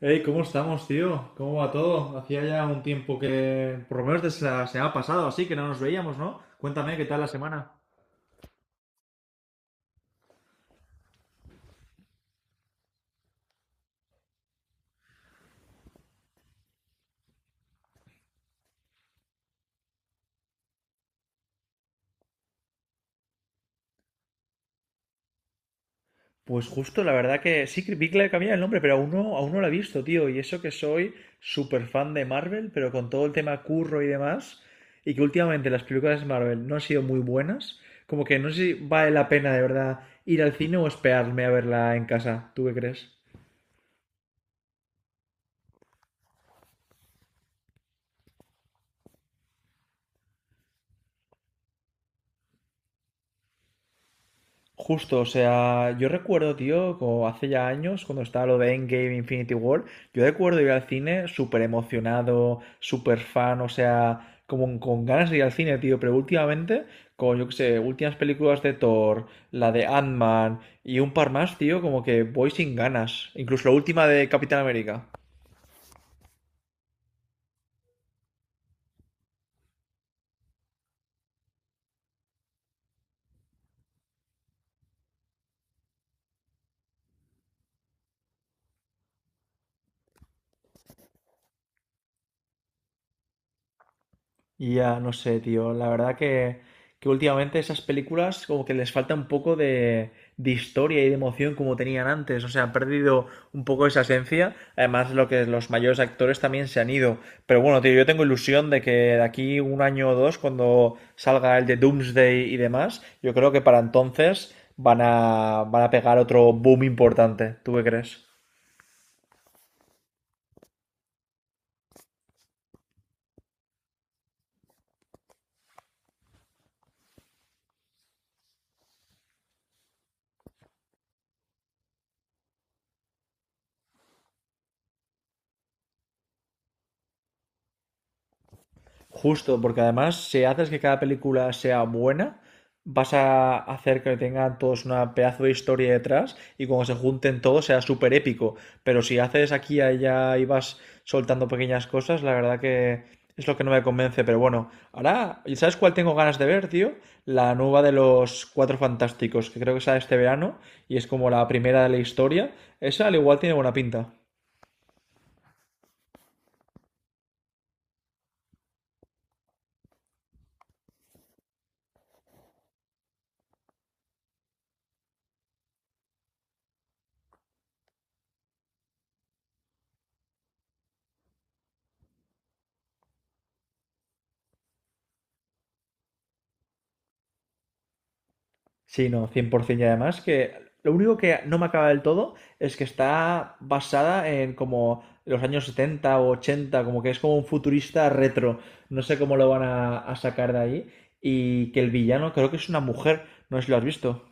Hey, ¿cómo estamos, tío? ¿Cómo va todo? Hacía ya un tiempo que, por lo menos desde la semana pasada, así que no nos veíamos, ¿no? Cuéntame, ¿qué tal la semana? Pues justo, la verdad que sí que vi que le cambiaba el nombre, pero aún no lo he visto, tío. Y eso que soy súper fan de Marvel, pero con todo el tema curro y demás, y que últimamente las películas de Marvel no han sido muy buenas, como que no sé si vale la pena de verdad ir al cine o esperarme a verla en casa. ¿Tú qué crees? Justo, o sea, yo recuerdo, tío, como hace ya años, cuando estaba lo de Endgame Infinity War, yo recuerdo ir al cine súper emocionado, súper fan, o sea, como con ganas de ir al cine, tío, pero últimamente, con, yo qué sé, últimas películas de Thor, la de Ant-Man y un par más, tío, como que voy sin ganas, incluso la última de Capitán América. Y ya, no sé, tío. La verdad que últimamente esas películas como que les falta un poco de historia y de emoción como tenían antes. O sea, han perdido un poco esa esencia. Además, lo que los mayores actores también se han ido. Pero bueno, tío, yo tengo ilusión de que de aquí un año o dos, cuando salga el de Doomsday y demás, yo creo que para entonces van a pegar otro boom importante. ¿Tú qué crees? Justo, porque además, si haces que cada película sea buena, vas a hacer que tengan todos una pedazo de historia detrás y cuando se junten todos sea súper épico. Pero si haces aquí, y allá y vas soltando pequeñas cosas, la verdad que es lo que no me convence. Pero bueno, ahora, ¿y sabes cuál tengo ganas de ver, tío? La nueva de los Cuatro Fantásticos, que creo que sale este verano y es como la primera de la historia. Esa al igual tiene buena pinta. Sí, no, 100%. Y además que lo único que no me acaba del todo es que está basada en como los años 70 o 80 como que es como un futurista retro. No sé cómo lo van a sacar de ahí. Y que el villano creo que es una mujer, no sé si lo has visto.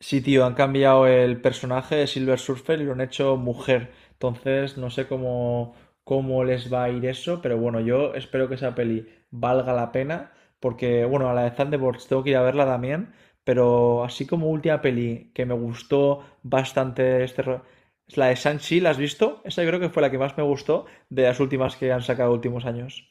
Sí, tío, han cambiado el personaje de Silver Surfer y lo han hecho mujer. Entonces, no sé cómo, cómo les va a ir eso, pero bueno, yo espero que esa peli valga la pena, porque, bueno, a la de Thunderbolts tengo que ir a verla también, pero así como última peli que me gustó bastante es la de Shang-Chi, ¿la has visto? Esa yo creo que fue la que más me gustó de las últimas que han sacado últimos años.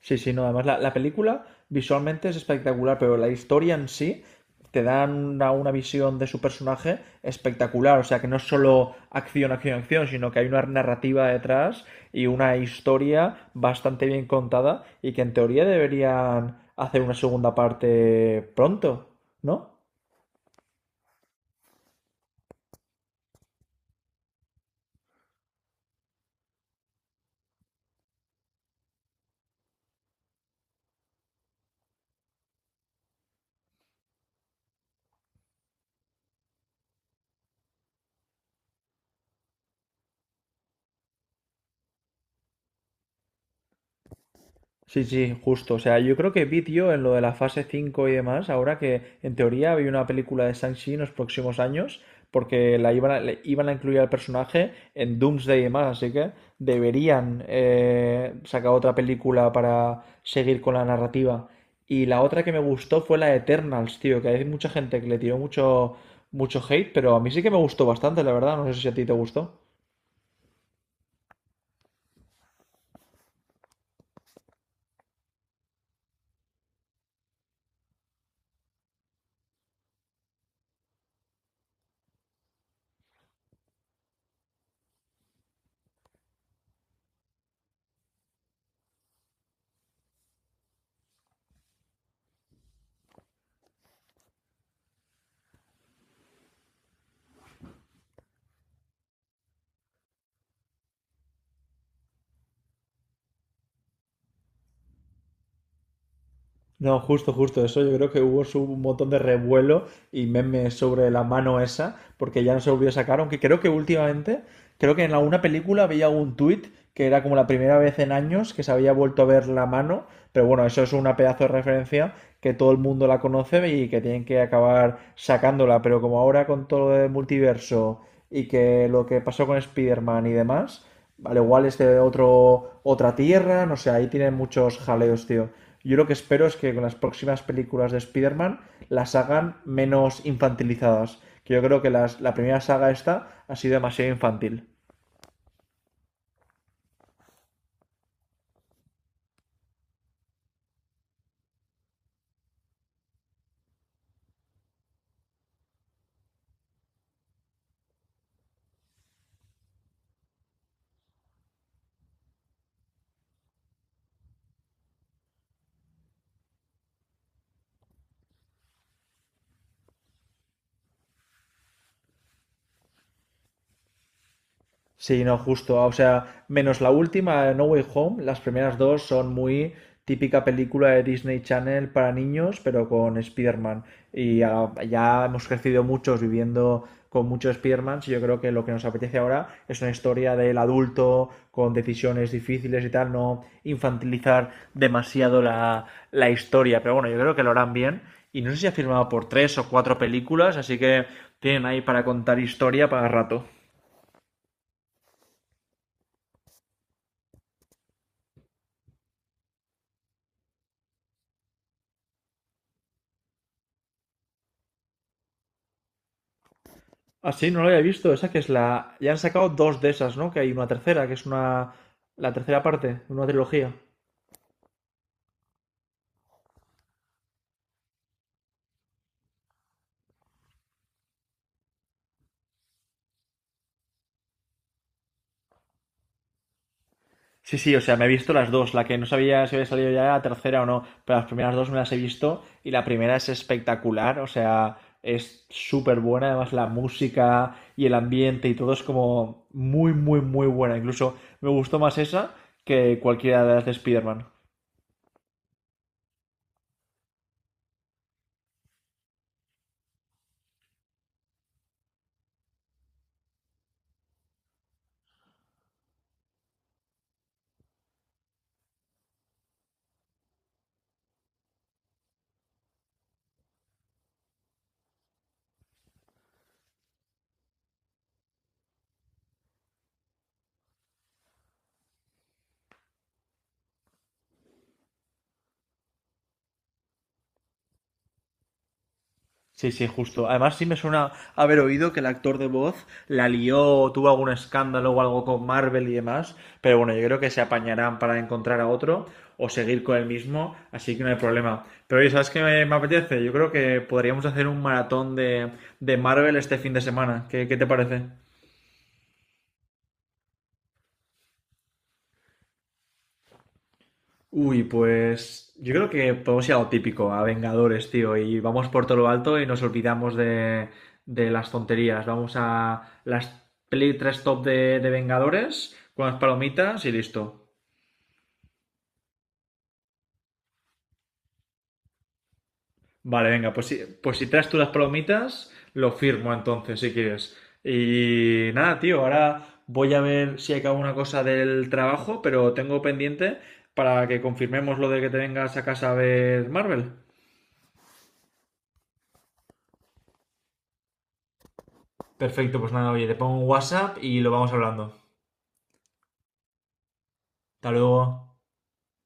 Sí, sí, no, además la película visualmente es espectacular, pero la historia en sí te dan una visión de su personaje espectacular, o sea que no es solo acción, acción, acción, sino que hay una narrativa detrás y una historia bastante bien contada y que en teoría deberían hacer una segunda parte pronto, ¿no? Sí, sí, justo. O sea, yo creo que vídeo en lo de la fase 5 y demás, ahora que en teoría había una película de Shang-Chi en los próximos años, porque le iban a incluir al personaje en Doomsday y demás, así que deberían sacar otra película para seguir con la narrativa. Y la otra que me gustó fue la de Eternals, tío, que hay mucha gente que le tiró mucho, mucho hate, pero a mí sí que me gustó bastante, la verdad. No sé si a ti te gustó. No, justo, justo eso. Yo creo que un montón de revuelo y memes sobre la mano esa, porque ya no se volvió a sacar. Aunque creo que últimamente, creo que en alguna película había un tuit que era como la primera vez en años que se había vuelto a ver la mano. Pero bueno, eso es una pedazo de referencia que todo el mundo la conoce y que tienen que acabar sacándola. Pero como ahora con todo lo del multiverso y que lo que pasó con Spider-Man y demás, al igual es de otra tierra, no sé, ahí tienen muchos jaleos, tío. Yo lo que espero es que con las próximas películas de Spider-Man las hagan menos infantilizadas. Que yo creo que la primera saga esta ha sido demasiado infantil. Sí, no, justo. Ah, o sea, menos la última, No Way Home, las primeras dos son muy típica película de Disney Channel para niños, pero con Spider-Man. Y ya, ya hemos crecido muchos viviendo con muchos Spider-Man. Y yo creo que lo que nos apetece ahora es una historia del adulto con decisiones difíciles y tal, no infantilizar demasiado la historia. Pero bueno, yo creo que lo harán bien. Y no sé si ha firmado por tres o cuatro películas, así que tienen ahí para contar historia para rato. Ah, sí, no lo había visto. Esa que es la. Ya han sacado dos de esas, ¿no? Que hay una tercera, que es una. La tercera parte, una trilogía. Sí, sí, o sea, me he visto las dos. La que no sabía si había salido ya la tercera o no, pero las primeras dos me las he visto y la primera es espectacular, o sea, es súper buena. Además, la música y el ambiente y todo es como muy, muy, muy buena. Incluso me gustó más esa que cualquiera de las de Spider-Man. Sí, sí, justo. Además, sí me suena haber oído que el actor de voz la lió, tuvo algún escándalo o algo con Marvel y demás. Pero bueno, yo creo que se apañarán para encontrar a otro o seguir con el mismo, así que no hay problema. Pero oye, ¿sabes qué me apetece? Yo creo que podríamos hacer un maratón de Marvel este fin de semana. ¿Qué, qué te parece? Uy, pues yo creo que podemos ir a lo típico, a Vengadores, tío, y vamos por todo lo alto y nos olvidamos de las tonterías. Vamos a las peli 3 top de Vengadores con las palomitas y listo. Vale, venga, pues si traes tú las palomitas, lo firmo entonces, si quieres. Y nada, tío, ahora voy a ver si acabo una cosa del trabajo, pero tengo pendiente para que confirmemos lo de que te vengas a casa a ver Marvel. Perfecto, pues nada, oye, te pongo un WhatsApp y lo vamos hablando. Hasta luego.